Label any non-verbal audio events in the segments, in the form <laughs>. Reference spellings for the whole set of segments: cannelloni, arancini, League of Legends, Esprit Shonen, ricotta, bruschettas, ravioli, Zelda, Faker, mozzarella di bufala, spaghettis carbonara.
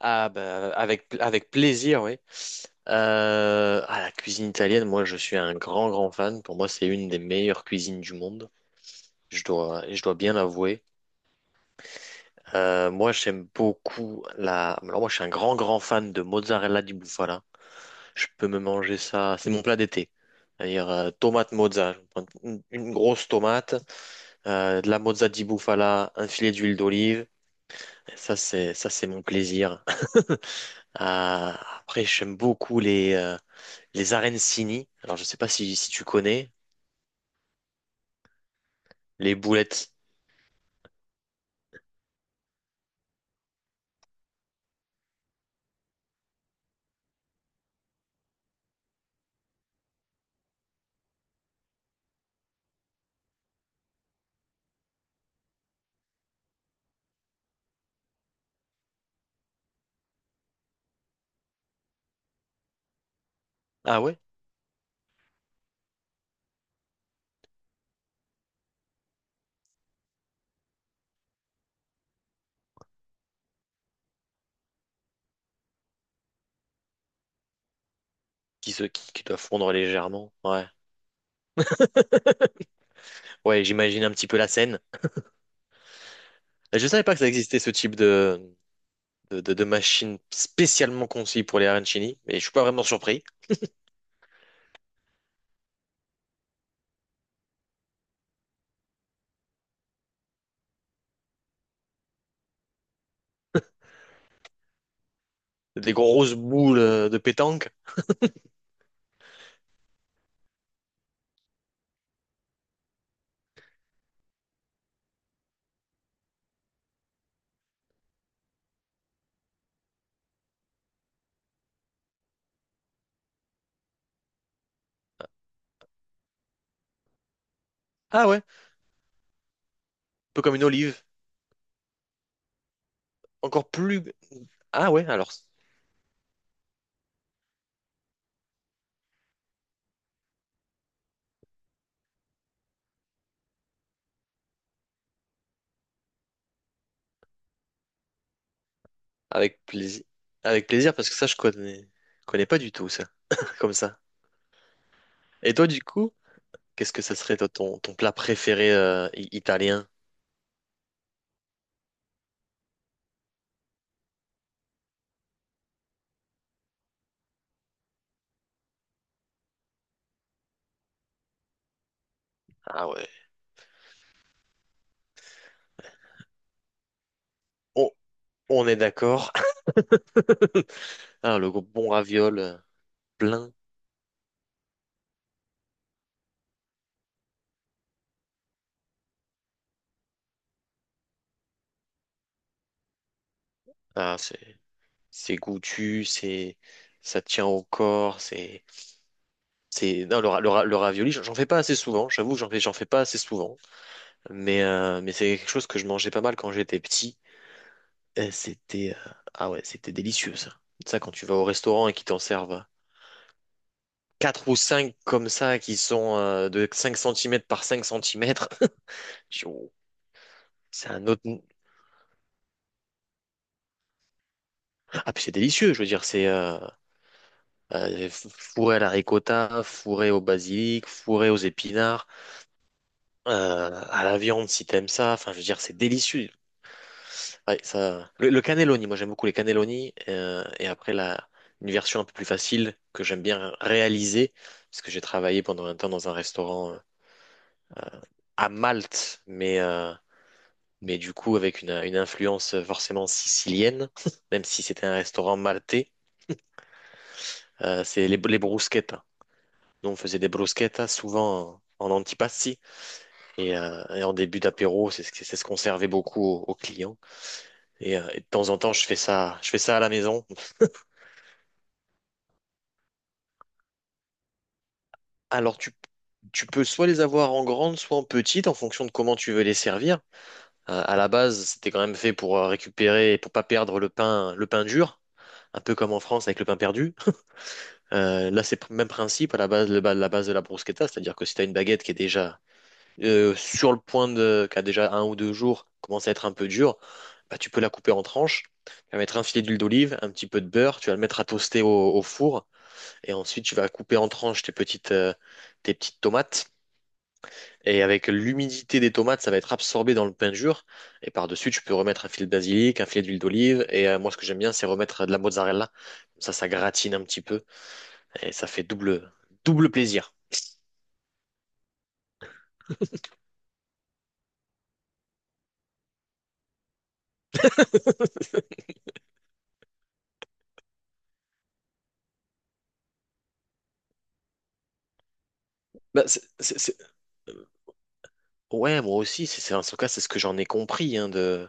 Ah bah avec plaisir, oui. Ah, la cuisine italienne, moi je suis un grand grand fan. Pour moi, c'est une des meilleures cuisines du monde. Je dois bien l'avouer. Moi, j'aime beaucoup la. Alors moi, je suis un grand grand fan de mozzarella di bufala. Je peux me manger ça. C'est mon plat d'été. C'est-à-dire tomate mozza, je prends une grosse tomate, de la mozza di bufala, un filet d'huile d'olive. Ça c'est mon plaisir. <laughs> Ah, après, j'aime beaucoup les arancini, alors je sais pas si tu connais, les boulettes. Ah ouais? Qui doivent fondre légèrement. Ouais. Ouais, j'imagine un petit peu la scène. Je savais pas que ça existait ce type de machine spécialement conçue pour les arancini, mais je suis pas vraiment surpris. Des grosses boules de pétanque. Ah ouais, un peu comme une olive. Encore plus. Ah ouais, alors avec plaisir. Avec plaisir parce que ça je connais pas du tout ça. <laughs> Comme ça. Et toi du coup, qu'est-ce que ça serait toi, ton plat préféré italien? Ah ouais. On, on est d'accord. <laughs> Ah, le bon raviol plein. Ah, c'est goûtu, c'est ça tient au corps, c'est non, le ravioli, j'en fais pas assez souvent, j'avoue, j'en fais pas assez souvent, mais c'est quelque chose que je mangeais pas mal quand j'étais petit. Et C'était Ah ouais, c'était délicieux ça. Ça quand tu vas au restaurant et qu'ils t'en servent quatre ou cinq comme ça qui sont de 5 centimètres par 5 centimètres. <laughs> C'est un autre. Ah, puis c'est délicieux, je veux dire, c'est fourré à la ricotta, fourré au basilic, fourré aux épinards, à la viande si t'aimes ça. Enfin, je veux dire, c'est délicieux. Ouais, ça, le cannelloni, moi j'aime beaucoup les cannelloni. Et après, une version un peu plus facile que j'aime bien réaliser, parce que j'ai travaillé pendant un temps dans un restaurant à Malte, mais du coup avec une influence forcément sicilienne, <laughs> même si c'était un restaurant maltais, c'est les bruschettas. Nous, on faisait des bruschettas souvent en antipasti et en début d'apéro, c'est ce qu'on servait beaucoup aux clients. Et de temps en temps, je fais ça à la maison. Alors, tu peux soit les avoir en grande, soit en petite, en fonction de comment tu veux les servir. À la base, c'était quand même fait pour récupérer, et pour pas perdre le pain dur. Un peu comme en France avec le pain perdu. Là, c'est le même principe à la base, la base de la bruschetta, c'est-à-dire que si tu as une baguette qui est déjà sur le point de, qui a déjà 1 ou 2 jours, commence à être un peu dur, bah, tu peux la couper en tranches. Tu vas mettre un filet d'huile d'olive, un petit peu de beurre, tu vas le mettre à toaster au four et ensuite tu vas couper en tranches tes petites, tomates. Et avec l'humidité des tomates, ça va être absorbé dans le pain dur. Et par-dessus, tu peux remettre un filet de basilic, un filet d'huile d'olive. Et moi, ce que j'aime bien, c'est remettre de la mozzarella. Comme ça gratine un petit peu. Et ça fait double, double plaisir. Bah, c'est- c'est- c'est- Ouais, moi aussi. En tout cas, c'est ce que j'en ai compris hein, de,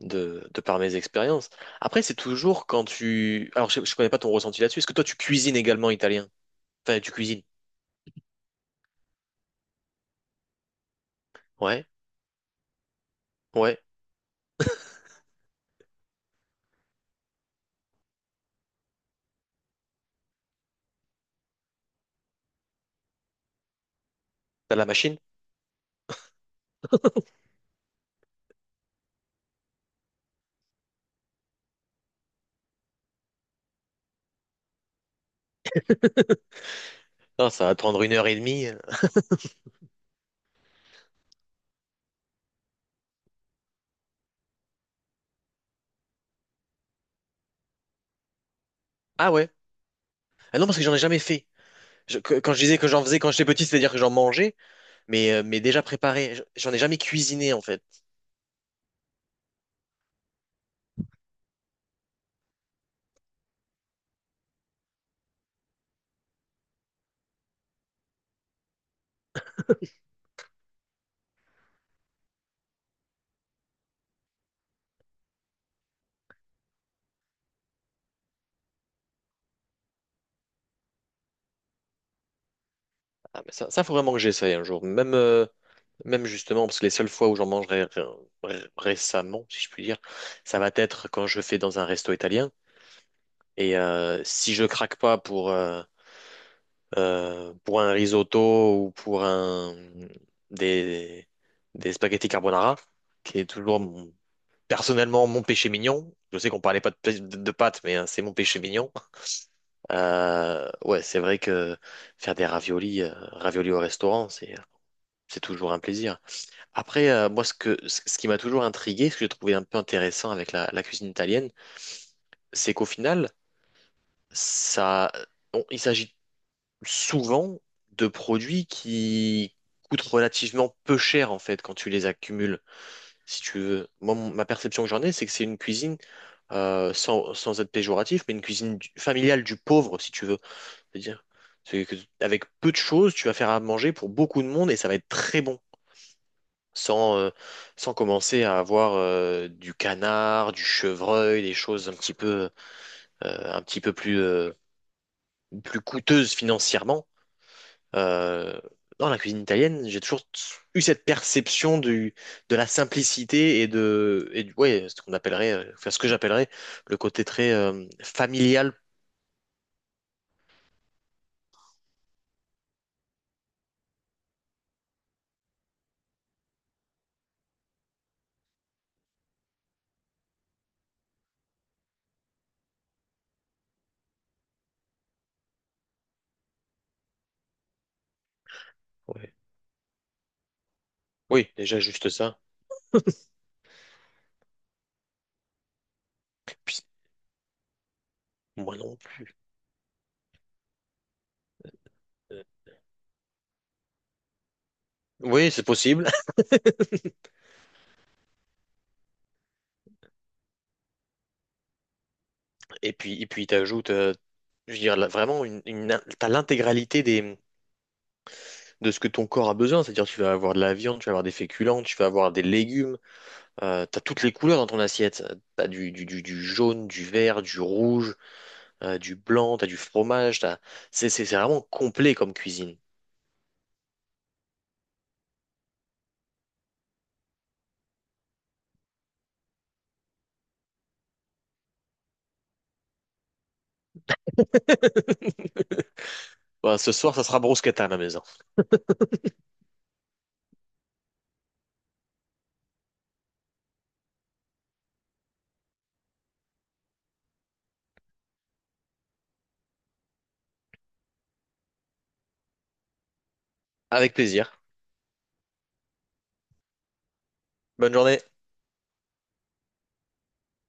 de, de par mes expériences. Après, c'est toujours quand tu... Alors, je connais pas ton ressenti là-dessus. Est-ce que toi, tu cuisines également italien? Enfin, tu cuisines. Ouais, ouais. T'as la machine? Non, ça va te prendre 1 heure et demie. Ah ouais. Ah non, parce que j'en ai jamais fait. Quand je disais que j'en faisais quand j'étais petit, c'est-à-dire que j'en mangeais, mais déjà préparé. J'en ai jamais cuisiné, en fait. Ah, mais ça faut vraiment que j'essaye un jour. Même justement, parce que les seules fois où j'en mangerai récemment, si je puis dire, ça va être quand je fais dans un resto italien. Et si je craque pas pour un risotto ou pour des, des spaghettis carbonara, qui est toujours personnellement mon péché mignon. Je sais qu'on parlait pas de pâtes, mais hein, c'est mon péché mignon. Ouais, c'est vrai que faire des raviolis, au restaurant, c'est toujours un plaisir. Après, moi, ce que ce ce qui m'a toujours intrigué, ce que j'ai trouvé un peu intéressant avec la cuisine italienne, c'est qu'au final, ça, il s'agit souvent de produits qui coûtent relativement peu cher en fait quand tu les accumules, si tu veux. Moi, ma perception que j'en ai, c'est que c'est une cuisine, sans être péjoratif, mais une cuisine familiale du pauvre, si tu veux. C'est-à-dire c'est que avec peu de choses, tu vas faire à manger pour beaucoup de monde et ça va être très bon. Sans, euh, sans commencer à avoir du canard, du chevreuil, des choses un petit peu plus coûteuses financièrement. Euh, Dans la cuisine italienne, j'ai toujours eu cette perception du, de la simplicité et de, et du, ouais, ce qu'on appellerait, enfin, ce que j'appellerais le côté très familial. Ouais. Oui, déjà juste ça. Puis, moi non plus. Euh, oui, c'est possible. <laughs> Et puis, t'ajoutes, je veux dire, là, vraiment, t'as l'intégralité de ce que ton corps a besoin. C'est-à-dire, tu vas avoir de la viande, tu vas avoir des féculents, tu vas avoir des légumes. T'as toutes les couleurs dans ton assiette. T'as du jaune, du vert, du rouge. Du blanc, t'as du fromage, C'est vraiment complet comme cuisine. <laughs> Voilà, ce soir, ça sera brusquette à la maison. Avec plaisir. Bonne journée.